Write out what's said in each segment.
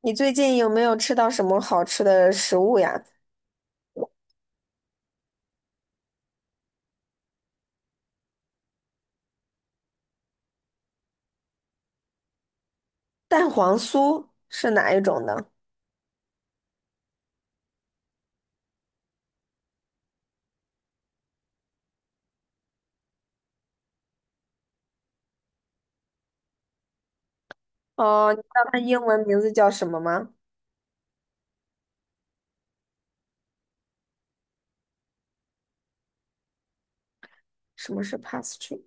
你最近有没有吃到什么好吃的食物呀？蛋黄酥是哪一种呢？哦，你知道它英文名字叫什么吗？什么是 pastry？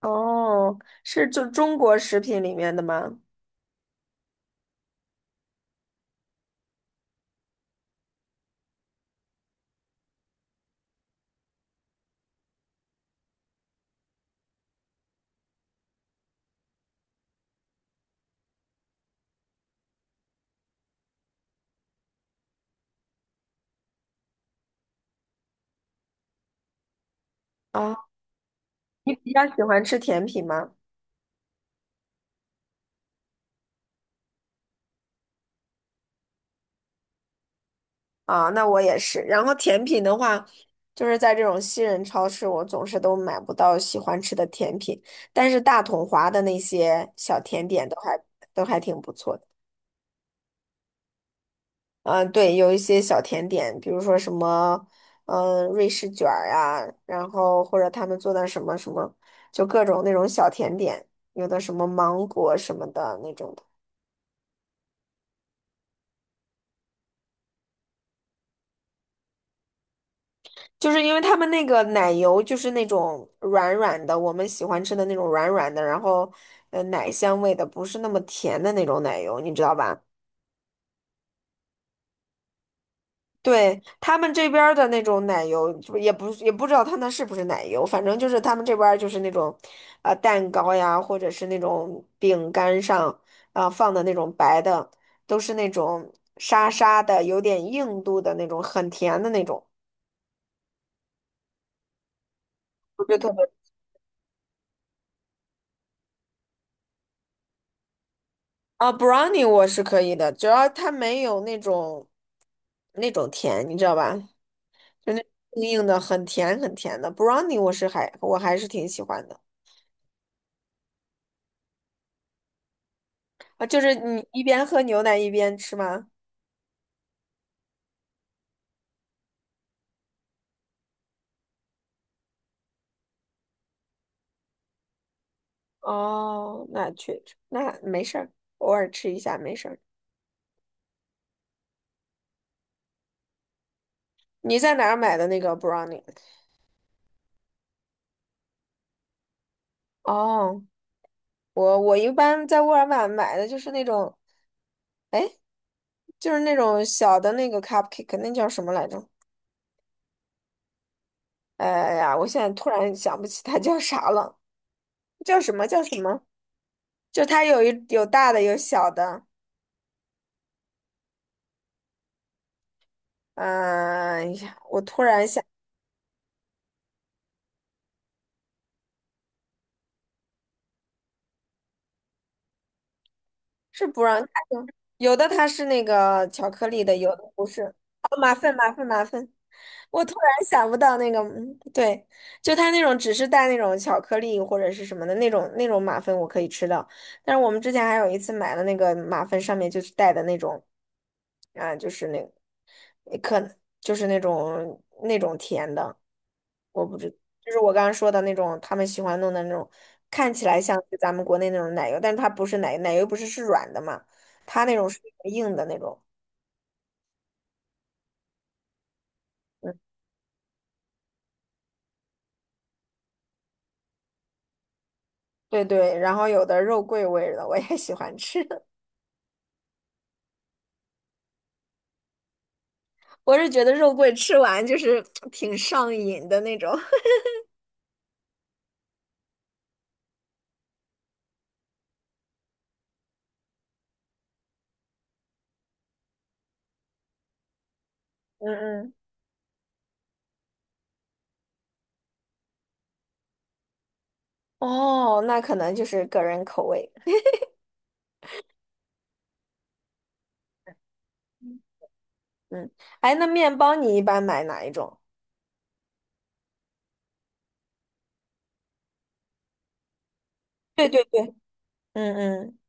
哦，是就中国食品里面的吗？啊，你比较喜欢吃甜品吗？啊，那我也是。然后甜品的话，就是在这种西人超市，我总是都买不到喜欢吃的甜品，但是大统华的那些小甜点都还挺不错的。对，有一些小甜点，比如说什么，嗯、瑞士卷儿啊，然后或者他们做的什么什么，就各种那种小甜点，有的什么芒果什么的那种的，就是因为他们那个奶油就是那种软软的，我们喜欢吃的那种软软的，然后奶香味的，不是那么甜的那种奶油，你知道吧？对，他们这边儿的那种奶油，就也不知道他那是不是奶油，反正就是他们这边儿就是那种，呃，蛋糕呀，或者是那种饼干上啊、放的那种白的，都是那种沙沙的，有点硬度的那种，很甜的那种，我觉得特别啊，brownie 我是可以的，只要它没有那种那种甜，你知道吧？就那硬硬的，很甜很甜的 brownie，我还是挺喜欢的。啊，就是你一边喝牛奶一边吃吗？哦，那确实，那没事儿，偶尔吃一下没事儿。你在哪儿买的那个 brownie？哦，我一般在沃尔玛买的就是那种，哎，就是那种小的那个 cupcake，那叫什么来着？哎呀，我现在突然想不起它叫啥了，叫什么叫什么？就它有大的有小的，嗯、哎呀，我突然想是 brownie，有的它是那个巧克力的，有的不是。哦，马芬马芬马芬。我突然想不到那个，嗯对，就它那种只是带那种巧克力或者是什么的那种马芬我可以吃到，但是我们之前还有一次买了那个马芬上面就是带的那种，啊，就是那可就是那种甜的，我不知，就是我刚刚说的那种他们喜欢弄的那种，看起来像是咱们国内那种奶油，但是它不是奶，奶油不是是软的嘛，它那种是硬的那种，嗯，对对，然后有的肉桂味儿的我也喜欢吃。我是觉得肉桂吃完就是挺上瘾的那种。嗯嗯，哦，那可能就是个人口味。嗯，哎，那面包你一般买哪一种？对对对，嗯嗯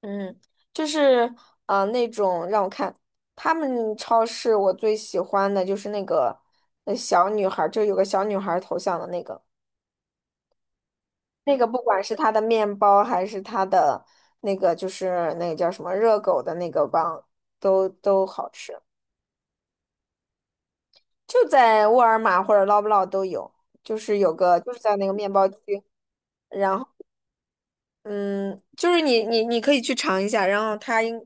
嗯，就是啊，那种让我看，他们超市我最喜欢的就是那个小女孩儿，就有个小女孩儿头像的那个，那个不管是它的面包还是它的那个就是那个叫什么热狗的那个棒，都好吃。就在沃尔玛或者捞不捞都有，就是有个就是在那个面包区，然后嗯，就是你可以去尝一下，然后它应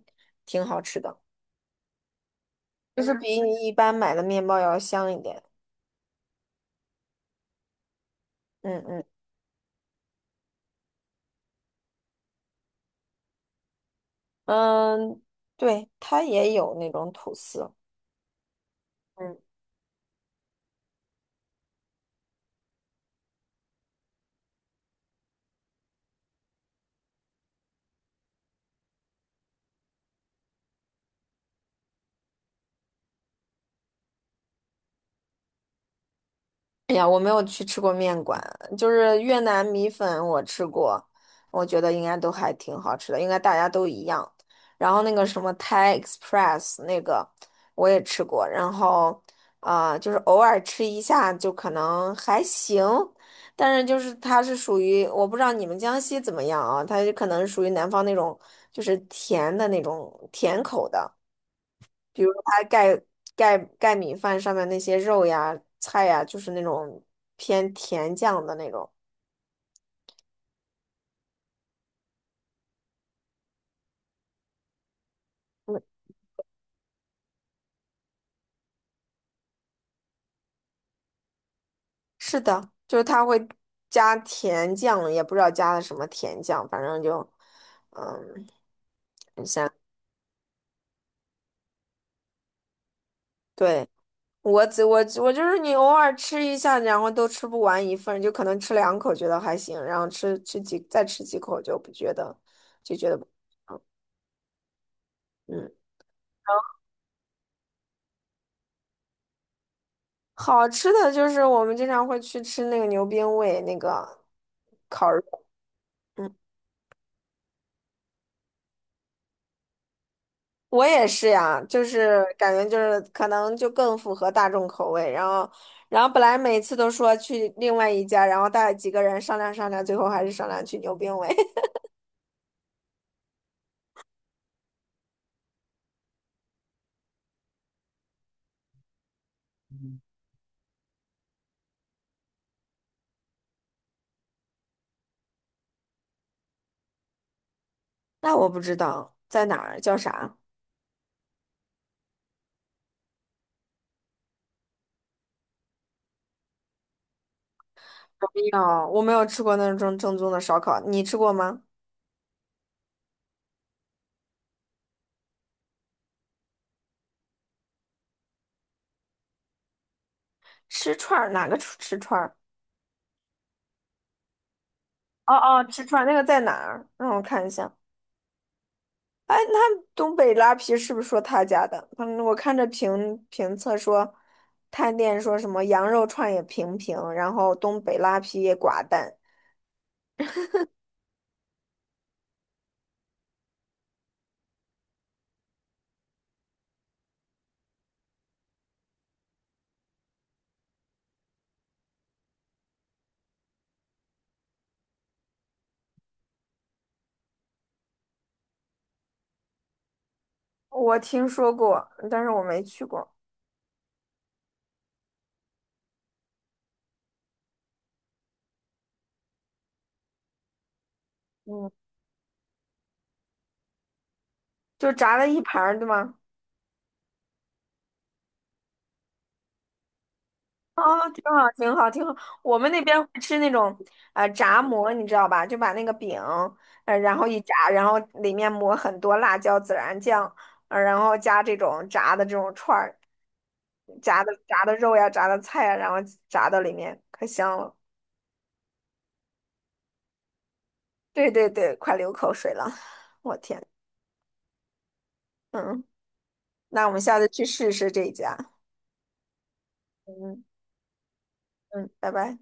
挺好吃的，就是比你一般买的面包要香一点。嗯嗯嗯，对，它也有那种吐司。嗯。哎呀，我没有去吃过面馆，就是越南米粉我吃过，我觉得应该都还挺好吃的，应该大家都一样。然后那个什么 Thai Express 那个我也吃过，然后啊，就是偶尔吃一下就可能还行，但是就是它是属于我不知道你们江西怎么样啊，它就可能属于南方那种就是甜的那种甜口的。比如它盖米饭上面那些肉呀、菜呀，就是那种偏甜酱的那种。嗯，是的，就是它会加甜酱，也不知道加了什么甜酱，反正就嗯，你想，对，我只我我就是你偶尔吃一下，然后都吃不完一份儿就可能吃两口觉得还行，然后吃吃几再吃几口就不觉得就觉得不嗯。好吃的就是我们经常会去吃那个牛鞭味，那个烤肉。嗯。我也是呀，就是感觉就是可能就更符合大众口味，然后，然后本来每次都说去另外一家，然后带几个人商量商量，最后还是商量去牛冰味。那我不知道在哪儿，叫啥？我没有，我没有吃过那种正宗的烧烤，你吃过吗？吃串儿哪个吃串儿？哦哦，吃串儿那个在哪儿？让我看一下。哎，那东北拉皮是不是说他家的？嗯，我看着评测说，探店说什么羊肉串也平平，然后东北拉皮也寡淡。我听说过，但是我没去过。嗯，就炸了一盘儿，对吗？哦，挺好，挺好，挺好。我们那边会吃那种炸馍，你知道吧？就把那个饼，呃，然后一炸，然后里面抹很多辣椒、孜然酱，呃，然后加这种炸的这种串儿。炸的肉呀，炸的菜呀，然后炸到里面，可香了。对对对，快流口水了，我天，嗯，那我们下次去试试这一家，嗯嗯，拜拜。